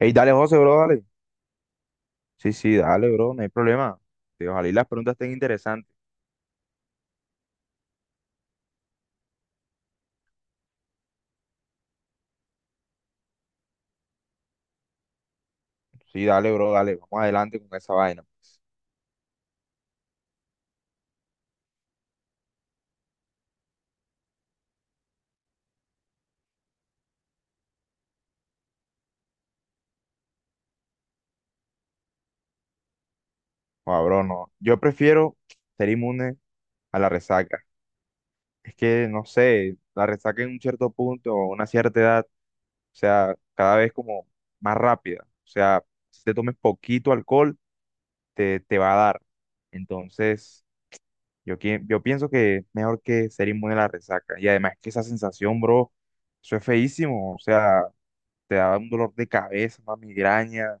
Ey, dale, José, bro, dale. Sí, sí, dale, bro, no hay problema. Sí, ojalá y las preguntas estén interesantes. Sí, dale, bro, dale, vamos adelante con esa vaina. Joda, bro, no. Yo prefiero ser inmune a la resaca. Es que, no sé, la resaca en un cierto punto o una cierta edad, o sea, cada vez como más rápida. O sea, si te tomes poquito alcohol, te va a dar. Entonces, yo, yo pienso que mejor que ser inmune a la resaca. Y además que esa sensación, bro, eso es feísimo. O sea, te da un dolor de cabeza, una migraña,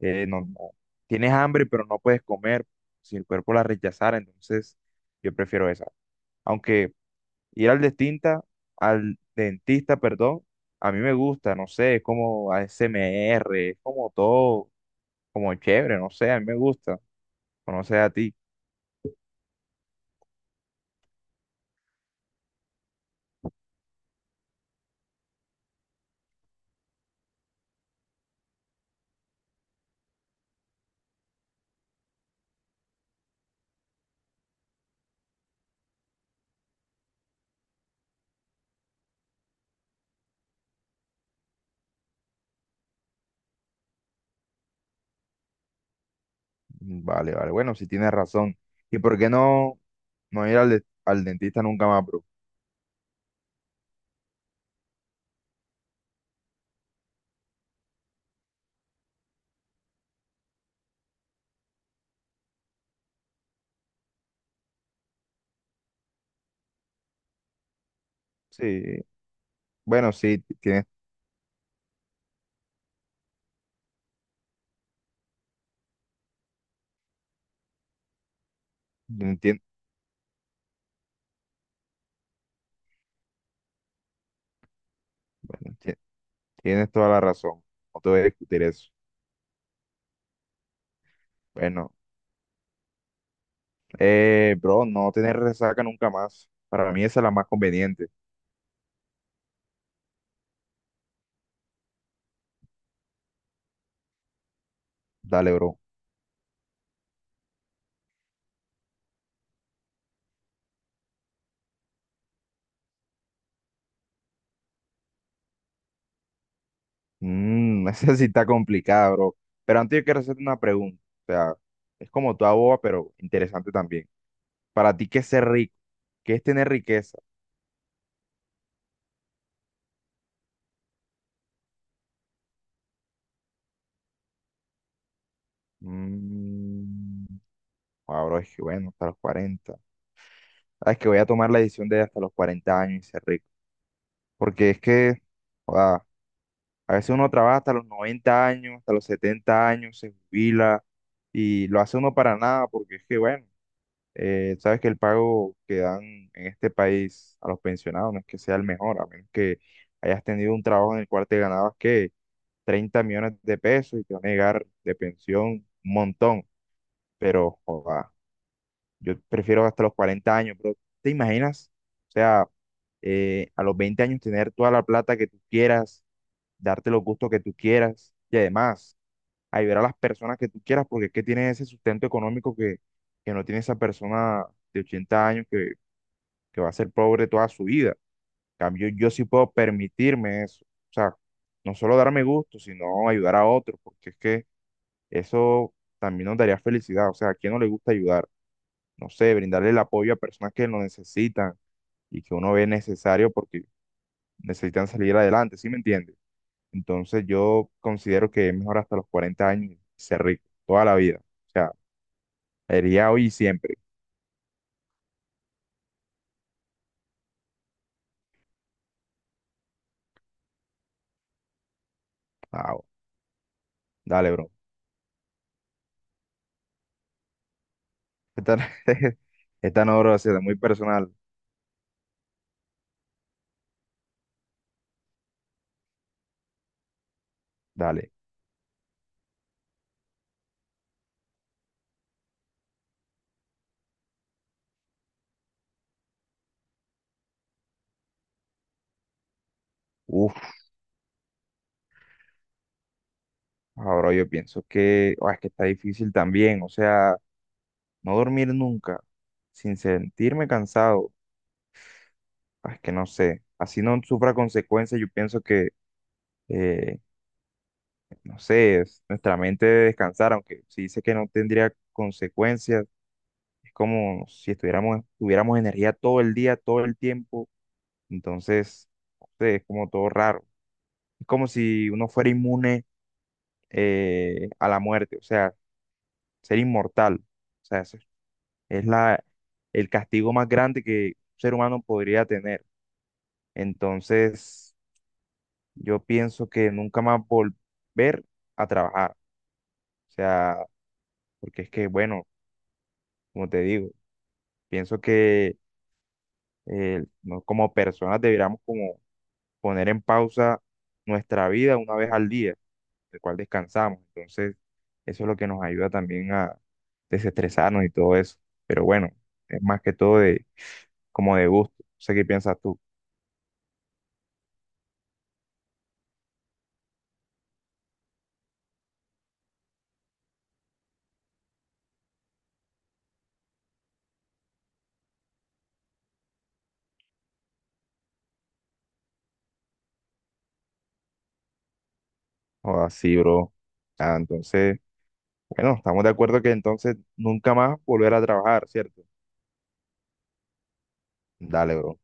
no, tienes hambre pero no puedes comer, si el cuerpo la rechazara, entonces yo prefiero esa. Aunque ir al dentista, perdón, a mí me gusta, no sé, es como a ASMR, es como todo, como chévere, no sé, a mí me gusta, o no sé a ti. Vale, vale, bueno, si tienes razón. ¿Y por qué no ir al, al dentista nunca más, bro? Sí, bueno, sí, tienes, entiendo. Bueno, tienes toda la razón. No te voy a discutir eso. Bueno, bro, no tener resaca nunca más. Para mí esa es la más conveniente. Dale, bro. Esa sí está complicada, bro. Pero antes yo quiero hacerte una pregunta. O sea, es como toda boba, pero interesante también. Para ti, ¿qué es ser rico? ¿Qué es tener riqueza? Mm, bro, es que bueno, hasta los 40. Ah, es que voy a tomar la decisión de hasta los 40 años y ser rico. Porque es que, joda, a veces uno trabaja hasta los 90 años, hasta los 70 años, se jubila y lo hace uno para nada porque es que, bueno, sabes que el pago que dan en este país a los pensionados no es que sea el mejor, a menos que hayas tenido un trabajo en el cual te ganabas que 30 millones de pesos y te van a llegar de pensión un montón, pero joda, yo prefiero hasta los 40 años, pero ¿te imaginas? O sea, a los 20 años tener toda la plata que tú quieras darte los gustos que tú quieras y además ayudar a las personas que tú quieras porque es que tienes ese sustento económico que no tiene esa persona de 80 años que va a ser pobre toda su vida. En cambio, yo sí puedo permitirme eso. O sea, no solo darme gusto, sino ayudar a otros, porque es que eso también nos daría felicidad. O sea, ¿a quién no le gusta ayudar? No sé, brindarle el apoyo a personas que lo necesitan y que uno ve necesario porque necesitan salir adelante, ¿sí me entiendes? Entonces yo considero que es mejor hasta los 40 años ser rico, toda la vida. O sea, sería hoy y siempre. Ah, bueno, dale, bro. Esta, esta no, bro, se da muy personal. Dale. Uf, ahora yo pienso que es que está difícil también. O sea, no dormir nunca sin sentirme cansado. Ah, es que no sé. Así no sufra consecuencias. Yo pienso que, eh, no sé, es nuestra mente debe descansar, aunque si dice que no tendría consecuencias. Es como si estuviéramos, tuviéramos energía todo el día, todo el tiempo. Entonces, no sé, es como todo raro. Es como si uno fuera inmune a la muerte, o sea, ser inmortal. O sea, eso es el castigo más grande que un ser humano podría tener. Entonces, yo pienso que nunca más volver a trabajar. O sea, porque es que, bueno, como te digo, pienso que como personas deberíamos como poner en pausa nuestra vida una vez al día, el cual descansamos. Entonces, eso es lo que nos ayuda también a desestresarnos y todo eso. Pero bueno, es más que todo de como de gusto. No sé qué piensas tú. O así, bro. Ah, entonces, bueno, estamos de acuerdo que entonces nunca más volver a trabajar, ¿cierto? Dale, bro.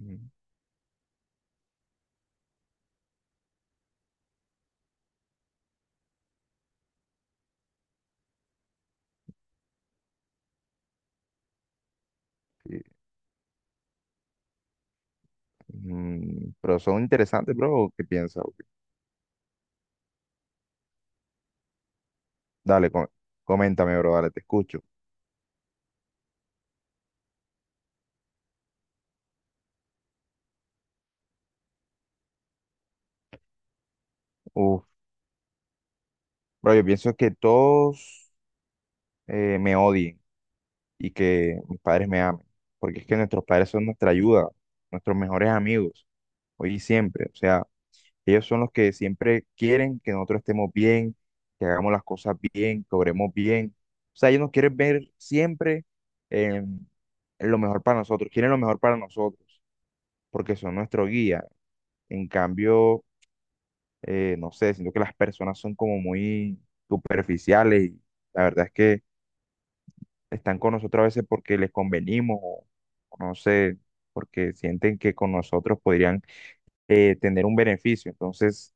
Mm, sí. Mm, pero son interesantes, bro. ¿O qué piensas? ¿O qué? Dale, coméntame, bro. Dale, te escucho. Uf, bro, yo pienso que todos. Me odien y que mis padres me amen, porque es que nuestros padres son nuestra ayuda, nuestros mejores amigos, hoy y siempre. O sea, ellos son los que siempre quieren que nosotros estemos bien, que hagamos las cosas bien, que obremos bien. O sea, ellos nos quieren ver siempre en en lo mejor para nosotros, quieren lo mejor para nosotros, porque son nuestro guía. En cambio, no sé, siento que las personas son como muy superficiales y la verdad es que están con nosotros a veces porque les convenimos o no sé, porque sienten que con nosotros podrían tener un beneficio. Entonces,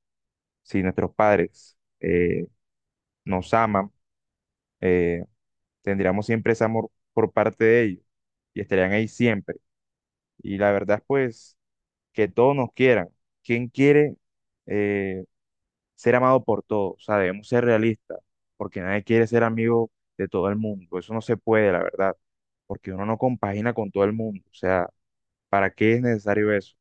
si nuestros padres nos aman, eh, tendríamos siempre ese amor por parte de ellos y estarían ahí siempre. Y la verdad, pues, que todos nos quieran. ¿Quién quiere eh, ser amado por todos? O sea, debemos ser realistas, porque nadie quiere ser amigo de todo el mundo. Eso no se puede, la verdad, porque uno no compagina con todo el mundo. O sea, ¿para qué es necesario eso?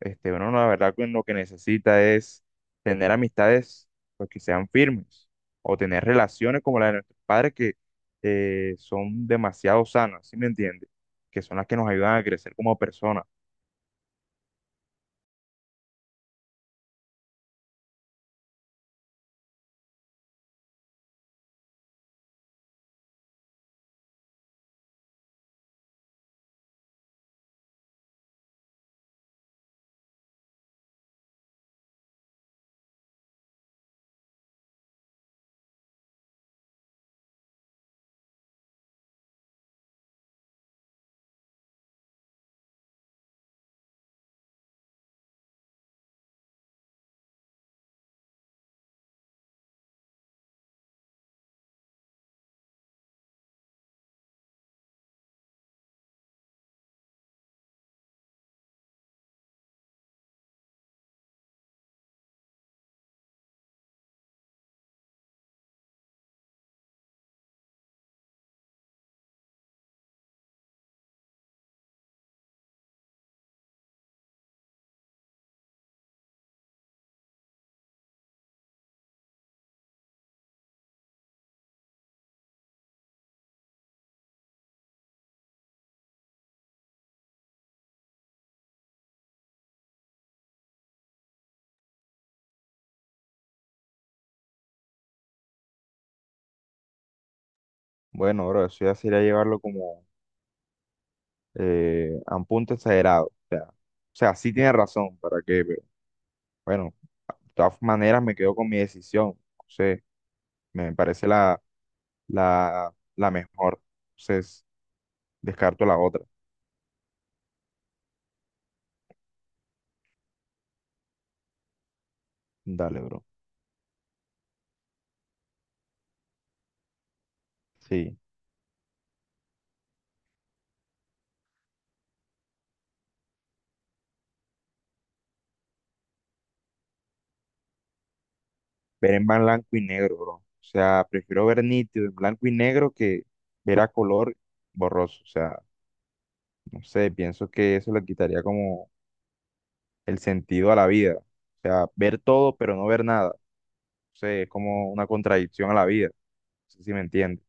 Este, bueno, la verdad que lo que necesita es tener amistades pues, que sean firmes o tener relaciones como la de nuestros padres que son demasiado sanas, ¿sí me entiendes? Que son las que nos ayudan a crecer como personas. Bueno, bro, eso ya sería llevarlo como a un punto exagerado. O sea, sí tiene razón, ¿para qué? Pero bueno, de todas maneras me quedo con mi decisión. O sea, me parece la mejor. Entonces, descarto la otra. Dale, bro. Sí. Ver en blanco y negro, bro. O sea, prefiero ver nítido en blanco y negro que ver a color borroso. O sea, no sé, pienso que eso le quitaría como el sentido a la vida. O sea, ver todo pero no ver nada. O sea, es como una contradicción a la vida. No sé si me entiendes.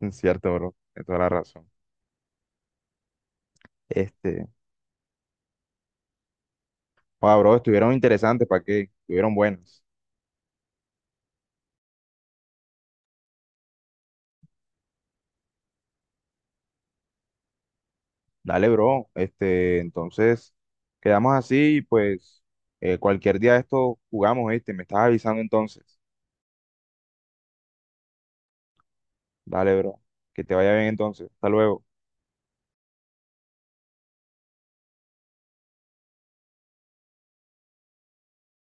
Es cierto, bro. De toda la razón. Este. Wow, bro, estuvieron interesantes, ¿para qué? Estuvieron buenas. Dale, bro. Este, entonces, quedamos así y pues cualquier día de esto jugamos, este, me estás avisando entonces. Dale, bro. Que te vaya bien entonces. Hasta luego.